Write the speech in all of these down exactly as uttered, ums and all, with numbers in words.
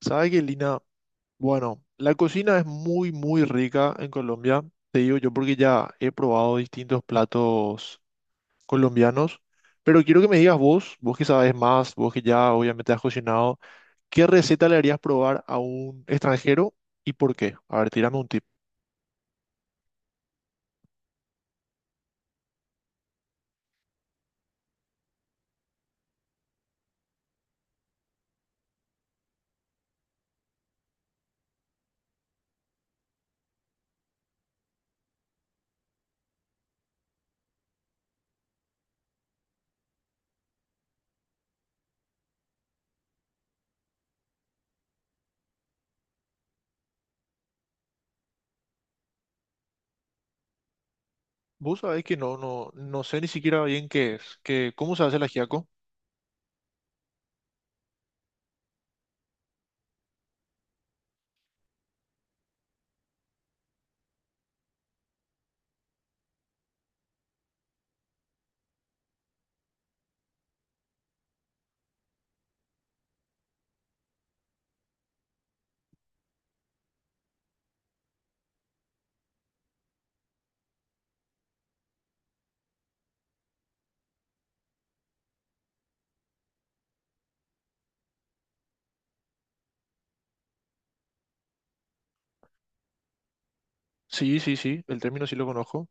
¿Sabes qué, Lina? Bueno, la cocina es muy, muy rica en Colombia. Te digo yo porque ya he probado distintos platos colombianos. Pero quiero que me digas vos, vos que sabes más, vos que ya obviamente has cocinado, ¿qué receta le harías probar a un extranjero y por qué? A ver, tírame un tip. Vos sabés que no, no, no sé ni siquiera bien qué es, que, ¿cómo se hace el ajiaco? Sí, sí, sí, el término sí lo conozco.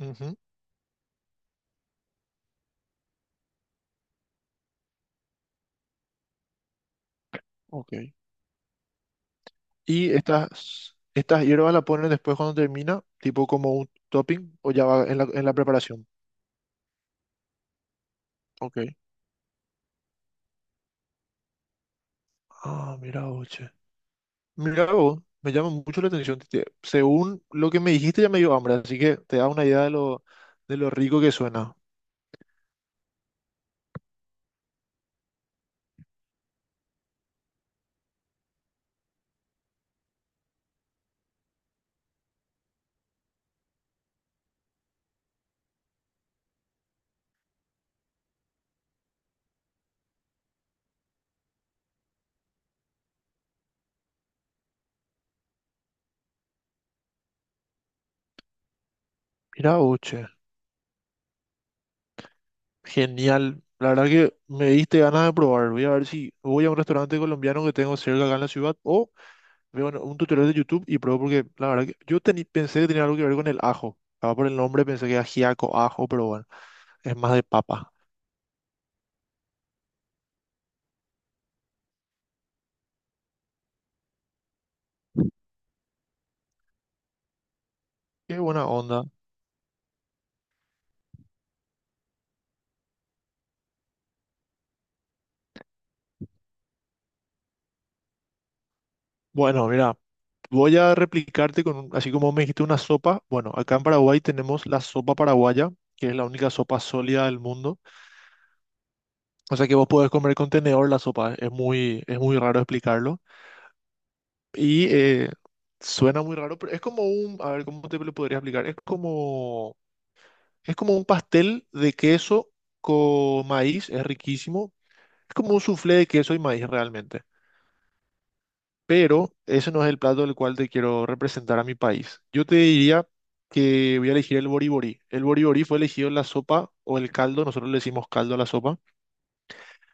Ujú, ok. Y estas, estas hierbas la ponen después cuando termina, tipo como un topping, o ya va en la, en la preparación. Ok. Ah, mira vos, che. Mira vos, me llama mucho la atención. Te- según lo que me dijiste ya me dio hambre, así que te da una idea de lo, de lo rico que suena. Mira vos, che. Genial. La verdad que me diste ganas de probar. Voy a ver si voy a un restaurante colombiano que tengo cerca acá en la ciudad, o veo un un tutorial de YouTube y probé, porque la verdad que yo teni- pensé que tenía algo que ver con el ajo. Estaba por el nombre, pensé que era ajiaco, ajo, pero bueno, es más de papa. Qué buena onda. Bueno, mira, voy a replicarte con, un- así como me dijiste, una sopa. Bueno, acá en Paraguay tenemos la sopa paraguaya, que es la única sopa sólida del mundo. O sea que vos podés comer con tenedor la sopa. Es muy, es muy raro explicarlo. Y eh, suena muy raro, pero es como un, a ver, ¿cómo te lo podría explicar? Es como Es como un pastel de queso con maíz, es riquísimo. Es como un soufflé de queso y maíz realmente. Pero ese no es el plato del cual te quiero representar a mi país. Yo te diría que voy a elegir el boriborí. El boriborí fue elegido la sopa o el caldo, nosotros le decimos caldo a la sopa,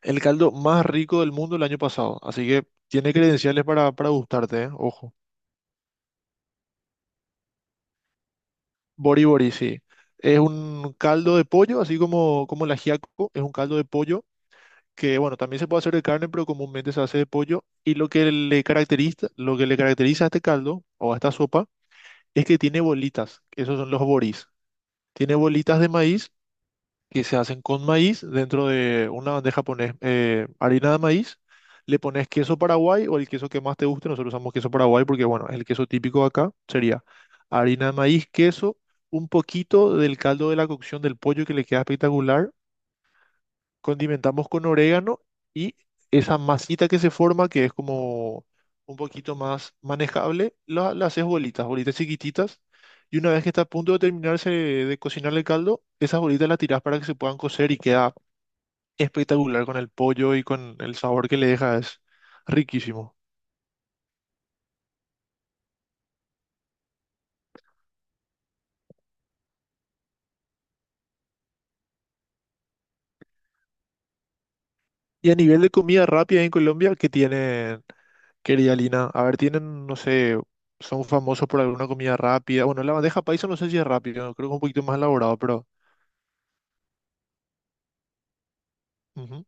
el caldo más rico del mundo el año pasado. Así que tiene credenciales para, para gustarte, ¿eh? Ojo. Boriborí, sí. Es un caldo de pollo, así como, como el ajiaco, es un caldo de pollo que, bueno, también se puede hacer de carne, pero comúnmente se hace de pollo. Y lo que le caracteriza, lo que le caracteriza a este caldo o a esta sopa, es que tiene bolitas, esos son los boris. Tiene bolitas de maíz que se hacen con maíz. Dentro de una bandeja pones eh, harina de maíz, le pones queso paraguay o el queso que más te guste, nosotros usamos queso paraguay porque bueno, es el queso típico de acá, sería harina de maíz, queso, un poquito del caldo de la cocción del pollo, que le queda espectacular, condimentamos con orégano, y esa masita que se forma, que es como un poquito más manejable, la, la haces bolitas, bolitas chiquititas. Y una vez que está a punto de terminarse de cocinar el caldo, esas bolitas las tirás para que se puedan cocer y queda espectacular con el pollo y con el sabor que le deja, es riquísimo. Y a nivel de comida rápida en Colombia, ¿qué tienen, querida Lina? A ver, tienen, no sé, son famosos por alguna comida rápida. Bueno, la bandeja paisa no sé si es rápida, creo que es un poquito más elaborado, pero... Ujú.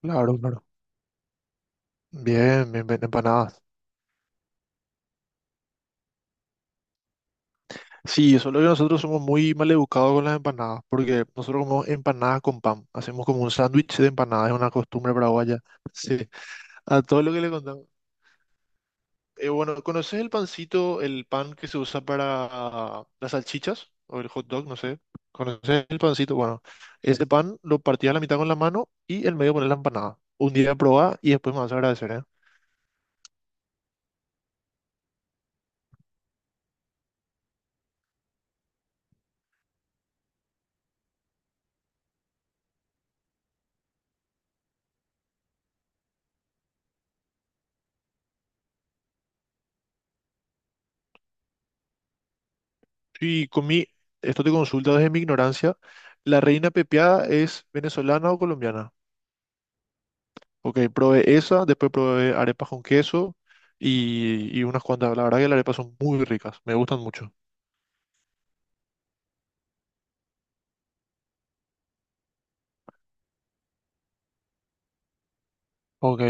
Claro, claro. Bien, bien, bien, empanadas. Sí, solo que nosotros somos muy mal educados con las empanadas, porque nosotros comemos empanadas con pan. Hacemos como un sándwich de empanadas, es una costumbre paraguaya. Sí, a todo lo que le contamos. Eh, bueno, ¿conoces el pancito, el pan que se usa para las salchichas o el hot dog? No sé. ¿Conoces el pancito? Bueno, ese pan lo partías a la mitad con la mano y el medio pones la empanada. Un día probá y después me vas a agradecer, ¿eh? Y con mi, esto te consulta desde mi ignorancia. ¿La reina pepiada es venezolana o colombiana? Ok, probé esa, después probé arepas con queso y, y unas cuantas. La verdad que las arepas son muy ricas, me gustan mucho. Ok,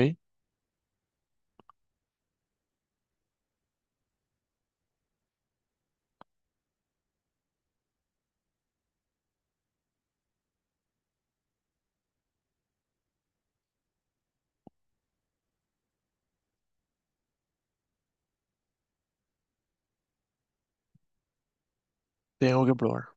tengo que probar.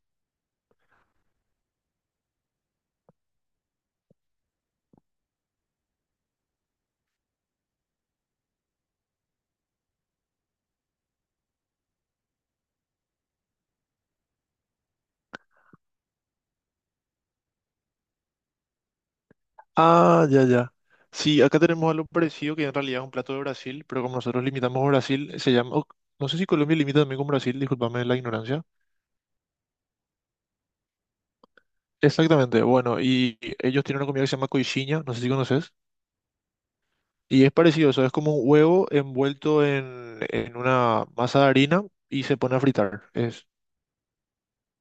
Ah, ya, ya. Sí, acá tenemos algo parecido que en realidad es un plato de Brasil, pero como nosotros limitamos a Brasil, se llama... o- no sé si Colombia limita también con Brasil, discúlpame la ignorancia. Exactamente, bueno, y ellos tienen una comida que se llama coxinha, no sé si conoces. Y es parecido, o sea, es como un huevo envuelto en, en una masa de harina y se pone a fritar. Es,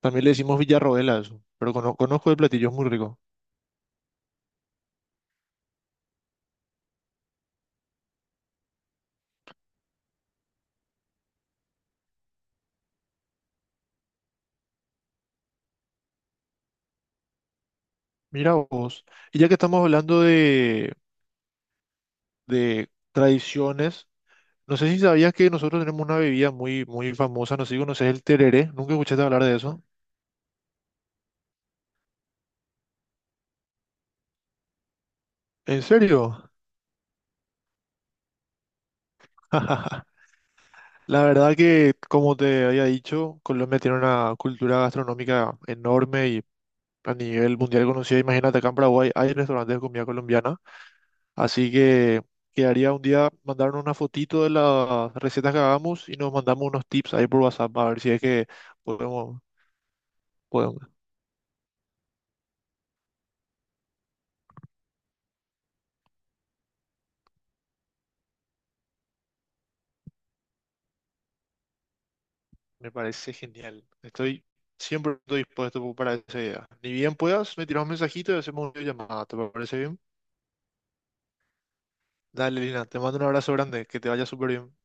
también le decimos villarroel a eso, pero cono- conozco el platillo, es muy rico. Mira vos. Y ya que estamos hablando de, de tradiciones, no sé si sabías que nosotros tenemos una bebida muy, muy famosa, no sé si conoces el tereré, nunca escuchaste hablar de eso. ¿En serio? La verdad que, como te había dicho, Colombia tiene una cultura gastronómica enorme a nivel mundial conocida. Imagínate, acá en Paraguay hay restaurantes de comida colombiana, así que quedaría un día mandarnos una fotito de las recetas que hagamos y nos mandamos unos tips ahí por WhatsApp, a ver si es que podemos, podemos. Me parece genial. Estoy Siempre estoy dispuesto para esa idea. Ni bien puedas, me tiras un mensajito y hacemos una llamada. ¿Te parece bien? Dale, Lina, te mando un abrazo grande, que te vaya súper bien.